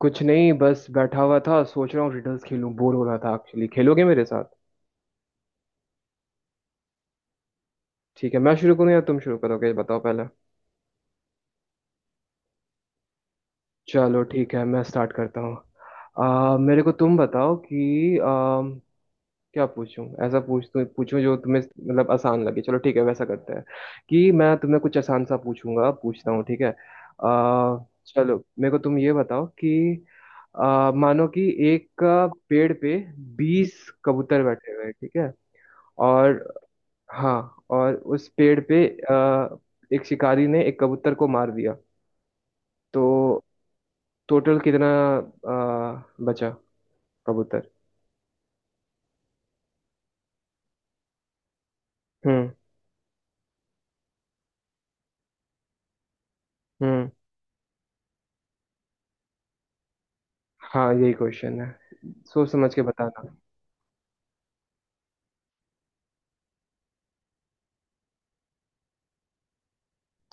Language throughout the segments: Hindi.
कुछ नहीं बस बैठा हुआ था सोच रहा हूँ रिडल्स खेलूं बोर हो रहा था एक्चुअली खेलोगे मेरे साथ। ठीक है मैं शुरू करूँ या तुम शुरू करोगे ये बताओ पहले। चलो ठीक है मैं स्टार्ट करता हूँ। मेरे को तुम बताओ कि क्या पूछूं ऐसा पूछूं जो तुम्हें मतलब आसान लगे। चलो ठीक है वैसा करते हैं कि मैं तुम्हें कुछ आसान सा पूछूंगा पूछता हूँ ठीक है। चलो मेरे को तुम ये बताओ कि मानो कि एक पेड़ पे 20 कबूतर बैठे हुए हैं, ठीक है। और हाँ, और उस पेड़ पे आ, एक शिकारी ने एक कबूतर को मार दिया। तो टोटल कितना बचा कबूतर? हम्म। हम्म। हाँ यही क्वेश्चन है। सोच समझ के बताना।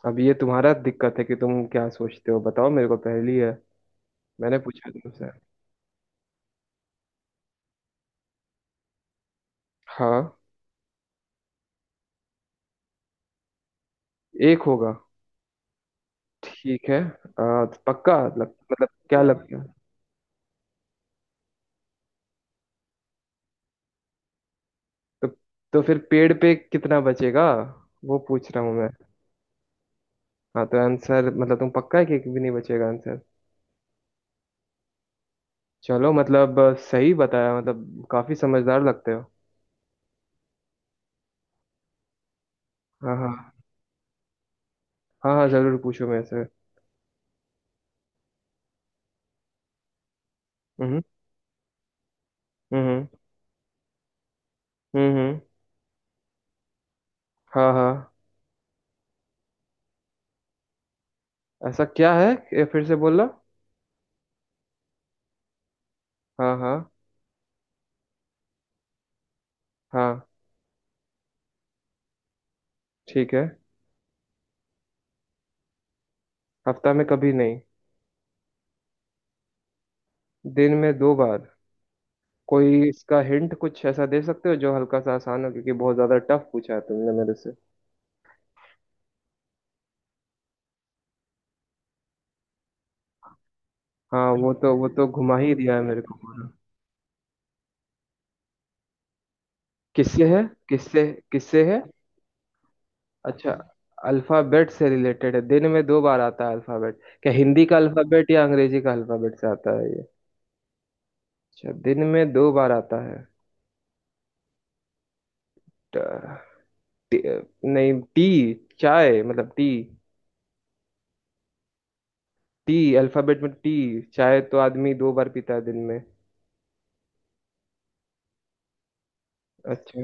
अब ये तुम्हारा दिक्कत है कि तुम क्या सोचते हो, बताओ मेरे को पहेली है। मैंने पूछा तुमसे। हाँ एक होगा। ठीक है। तो मतलब क्या लगता है? तो, तो फिर पेड़ पे कितना बचेगा वो पूछ रहा हूँ मैं। हाँ तो आंसर, मतलब तुम पक्का है कि एक भी नहीं बचेगा आंसर? चलो मतलब सही बताया, मतलब काफी समझदार लगते हो। हाँ हाँ। हाँ हाँ जरूर पूछो मेरे से। हम्म। हम्म। हम्म। हम्म, हम्म। हाँ हाँ। ऐसा क्या है? ये फिर से बोलना। हाँ हाँ। हाँ। ठीक है। हफ्ता में कभी नहीं। दिन में दो बार। कोई इसका हिंट कुछ ऐसा दे सकते हो जो हल्का सा आसान हो, क्योंकि बहुत ज्यादा टफ पूछा है तुमने मेरे से। हाँ वो तो घुमा ही दिया है मेरे को पूरा। किससे है? किससे? किससे है? अच्छा। अल्फाबेट से रिलेटेड है दिन में दो बार आता है अल्फाबेट, क्या हिंदी का अल्फाबेट या अंग्रेजी का अल्फाबेट से आता है ये? अच्छा दिन में दो बार आता है। ट, टी, नहीं टी। चाय मतलब टी। टी अल्फाबेट में टी। चाय तो आदमी दो बार पीता है दिन में। अच्छा।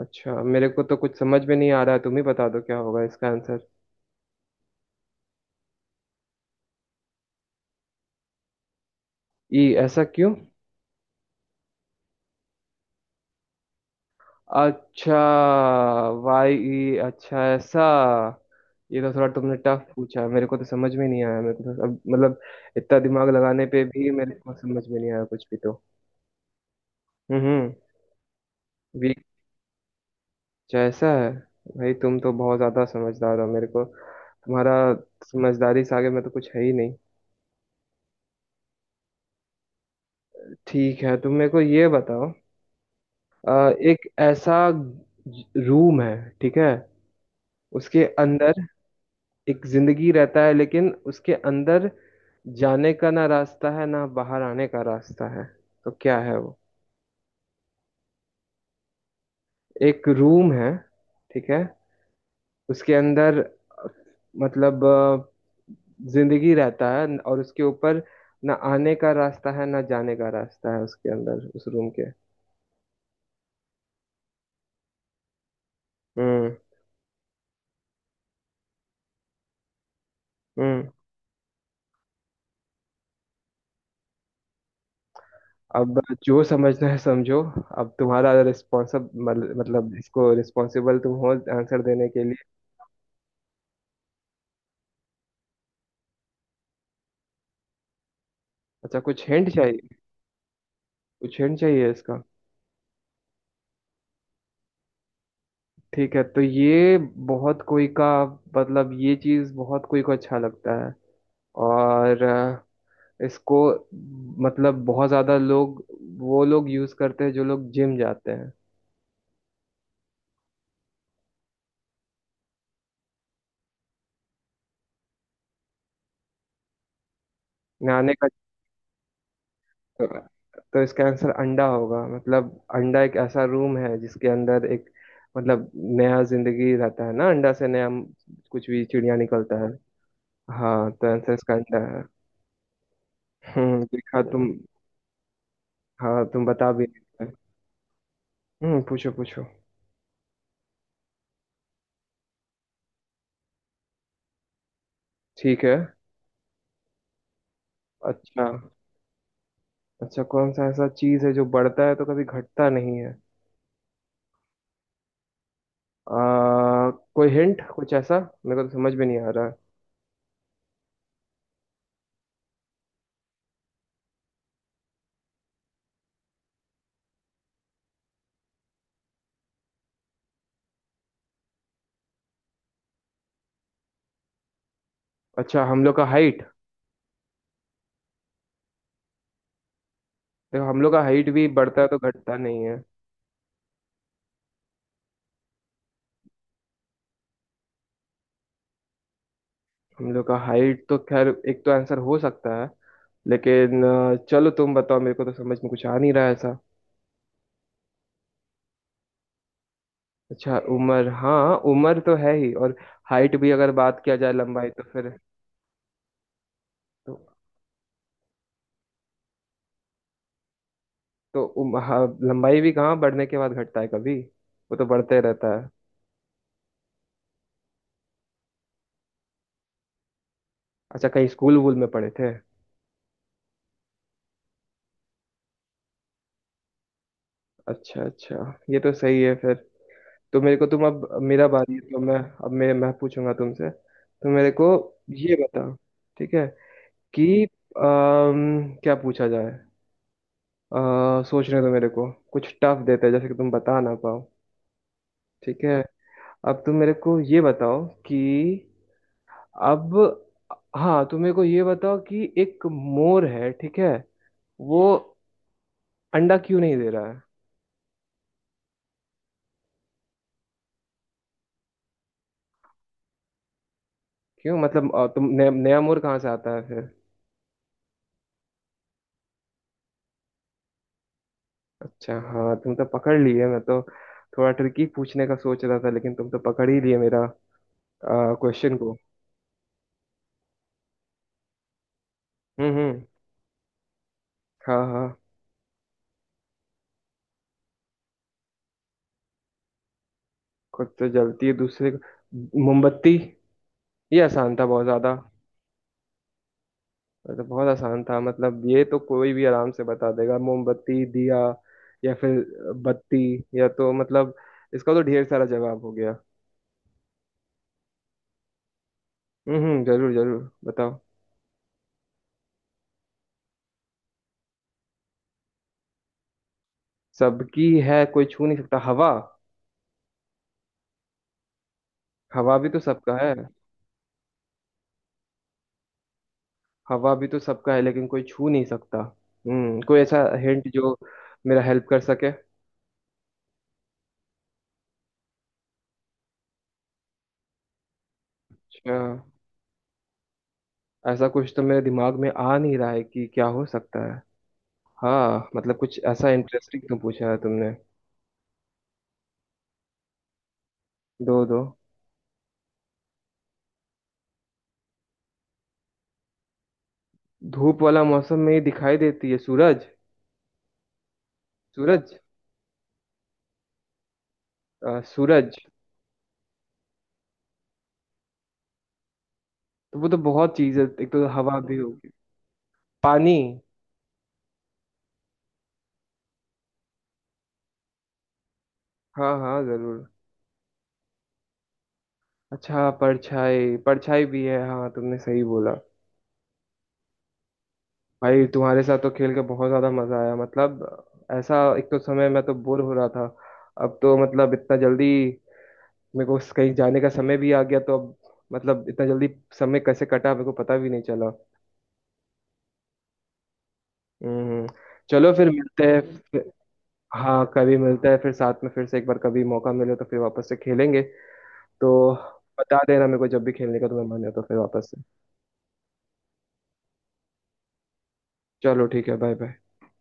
अच्छा मेरे को तो कुछ समझ में नहीं आ रहा है, तुम ही बता दो क्या होगा इसका आंसर। ई ऐसा क्यों? अच्छा। वाई ई, अच्छा ऐसा। ये तो थोड़ा तुमने टफ पूछा मेरे को, तो समझ में नहीं आया मेरे को, तो अब मतलब इतना दिमाग लगाने पे भी मेरे को समझ में नहीं आया कुछ भी तो। हम्म। वीक। अच्छा ऐसा है। भाई तुम तो बहुत ज्यादा समझदार हो, मेरे को तुम्हारा समझदारी से आगे में तो कुछ है ही नहीं। ठीक है तुम मेरे को ये बताओ। अ, एक ऐसा रूम है, ठीक है, उसके अंदर एक जिंदगी रहता है लेकिन उसके अंदर जाने का ना रास्ता है ना बाहर आने का रास्ता है। तो क्या है वो? एक रूम है, ठीक है, उसके अंदर मतलब जिंदगी रहता है और उसके ऊपर ना आने का रास्ता है ना जाने का रास्ता है, उसके अंदर उस रूम के। हम्म। हम्म। अब जो समझना है समझो, अब तुम्हारा रिस्पॉन्सिब मतलब इसको रिस्पॉन्सिबल तुम हो आंसर देने के लिए। अच्छा कुछ हिंट चाहिए? कुछ हिंट चाहिए इसका? ठीक है तो ये बहुत कोई का मतलब ये चीज बहुत कोई को अच्छा लगता है, और इसको मतलब बहुत ज्यादा लोग, वो लोग यूज करते हैं जो लोग जिम जाते हैं। नहाने का। तो तो इसका आंसर अंडा होगा, मतलब अंडा एक ऐसा रूम है जिसके अंदर एक मतलब नया जिंदगी रहता है ना, अंडा से नया कुछ भी चिड़िया निकलता है। हाँ तो आंसर इसका अंडा है। देखा तुम? हाँ तुम बता भी नहीं पाए। पूछो पूछो। ठीक है। अच्छा। अच्छा कौन सा ऐसा चीज है जो बढ़ता है तो कभी घटता नहीं है? कोई हिंट कुछ ऐसा, मेरे को तो समझ में नहीं आ रहा है। अच्छा हम लोग का हाइट। देखो हम लोग का हाइट भी बढ़ता है तो घटता नहीं है। हम लोग का हाइट तो खैर एक तो आंसर हो सकता है, लेकिन चलो तुम बताओ, मेरे को तो समझ में कुछ आ नहीं रहा है ऐसा। अच्छा उम्र, हाँ उम्र तो है ही और हाइट भी, अगर बात किया जाए लंबाई तो फिर। तो, तो हाँ, लंबाई भी कहाँ बढ़ने के बाद घटता है कभी, वो तो बढ़ते रहता है। अच्छा कहीं स्कूल वूल में पढ़े थे? अच्छा अच्छा, ये तो सही है फिर। तो मेरे को तुम, अब मेरा बारी है तो मैं। अब मैं पूछूंगा तुमसे तो मेरे को ये बताओ, ठीक है, कि क्या पूछा जाए। सोचने दो मेरे को, कुछ टफ देते हैं जैसे कि तुम बता ना पाओ, ठीक है। अब तुम मेरे को ये बताओ कि अब हाँ, तुम मेरे को ये बताओ कि एक मोर है, ठीक है, वो अंडा क्यों नहीं दे रहा? क्यों मतलब तुम नया नया मोड़ कहाँ से आता है फिर? अच्छा हाँ, तुम तो पकड़ लिए, मैं तो थोड़ा ट्रिकी पूछने का सोच रहा था लेकिन तुम तो पकड़ ही लिए मेरा क्वेश्चन को। हम्म। हाँ हाँ। खुद तो जलती है दूसरे को, मोमबत्ती। ये आसान था बहुत ज्यादा। ये तो बहुत आसान था, मतलब ये तो कोई भी आराम से बता देगा, मोमबत्ती, दिया, या फिर बत्ती, या तो मतलब इसका तो ढेर सारा जवाब हो गया। जरूर जरूर बताओ। सबकी है कोई छू नहीं सकता, हवा? हवा भी तो सबका है। हवा भी तो सबका है लेकिन कोई छू नहीं सकता। हम्म, कोई ऐसा हिंट जो मेरा हेल्प कर सके? अच्छा, ऐसा कुछ तो मेरे दिमाग में आ नहीं रहा है कि क्या हो सकता है। हाँ मतलब कुछ ऐसा इंटरेस्टिंग तो पूछा है तुमने। दो दो। धूप वाला मौसम में ही दिखाई देती है, सूरज? सूरज। सूरज। तो वो तो बहुत चीज है, एक तो हवा भी होगी, पानी। हाँ हाँ जरूर। अच्छा परछाई, परछाई भी है, हाँ तुमने सही बोला। भाई तुम्हारे साथ तो खेल के बहुत ज्यादा मजा आया, मतलब ऐसा, एक तो समय मैं तो बोर हो रहा था, अब तो मतलब इतना जल्दी मेरे को कहीं जाने का समय भी आ गया, तो अब मतलब इतना जल्दी समय कैसे कटा मेरे को पता भी नहीं चला। हम्म। चलो फिर मिलते हैं। फिर- हाँ कभी मिलते हैं फिर, साथ में फिर से एक बार कभी मौका मिले तो फिर वापस से खेलेंगे। तो बता देना मेरे को जब भी खेलने का तुम्हें मन है तो फिर वापस से। चलो ठीक है, बाय बाय।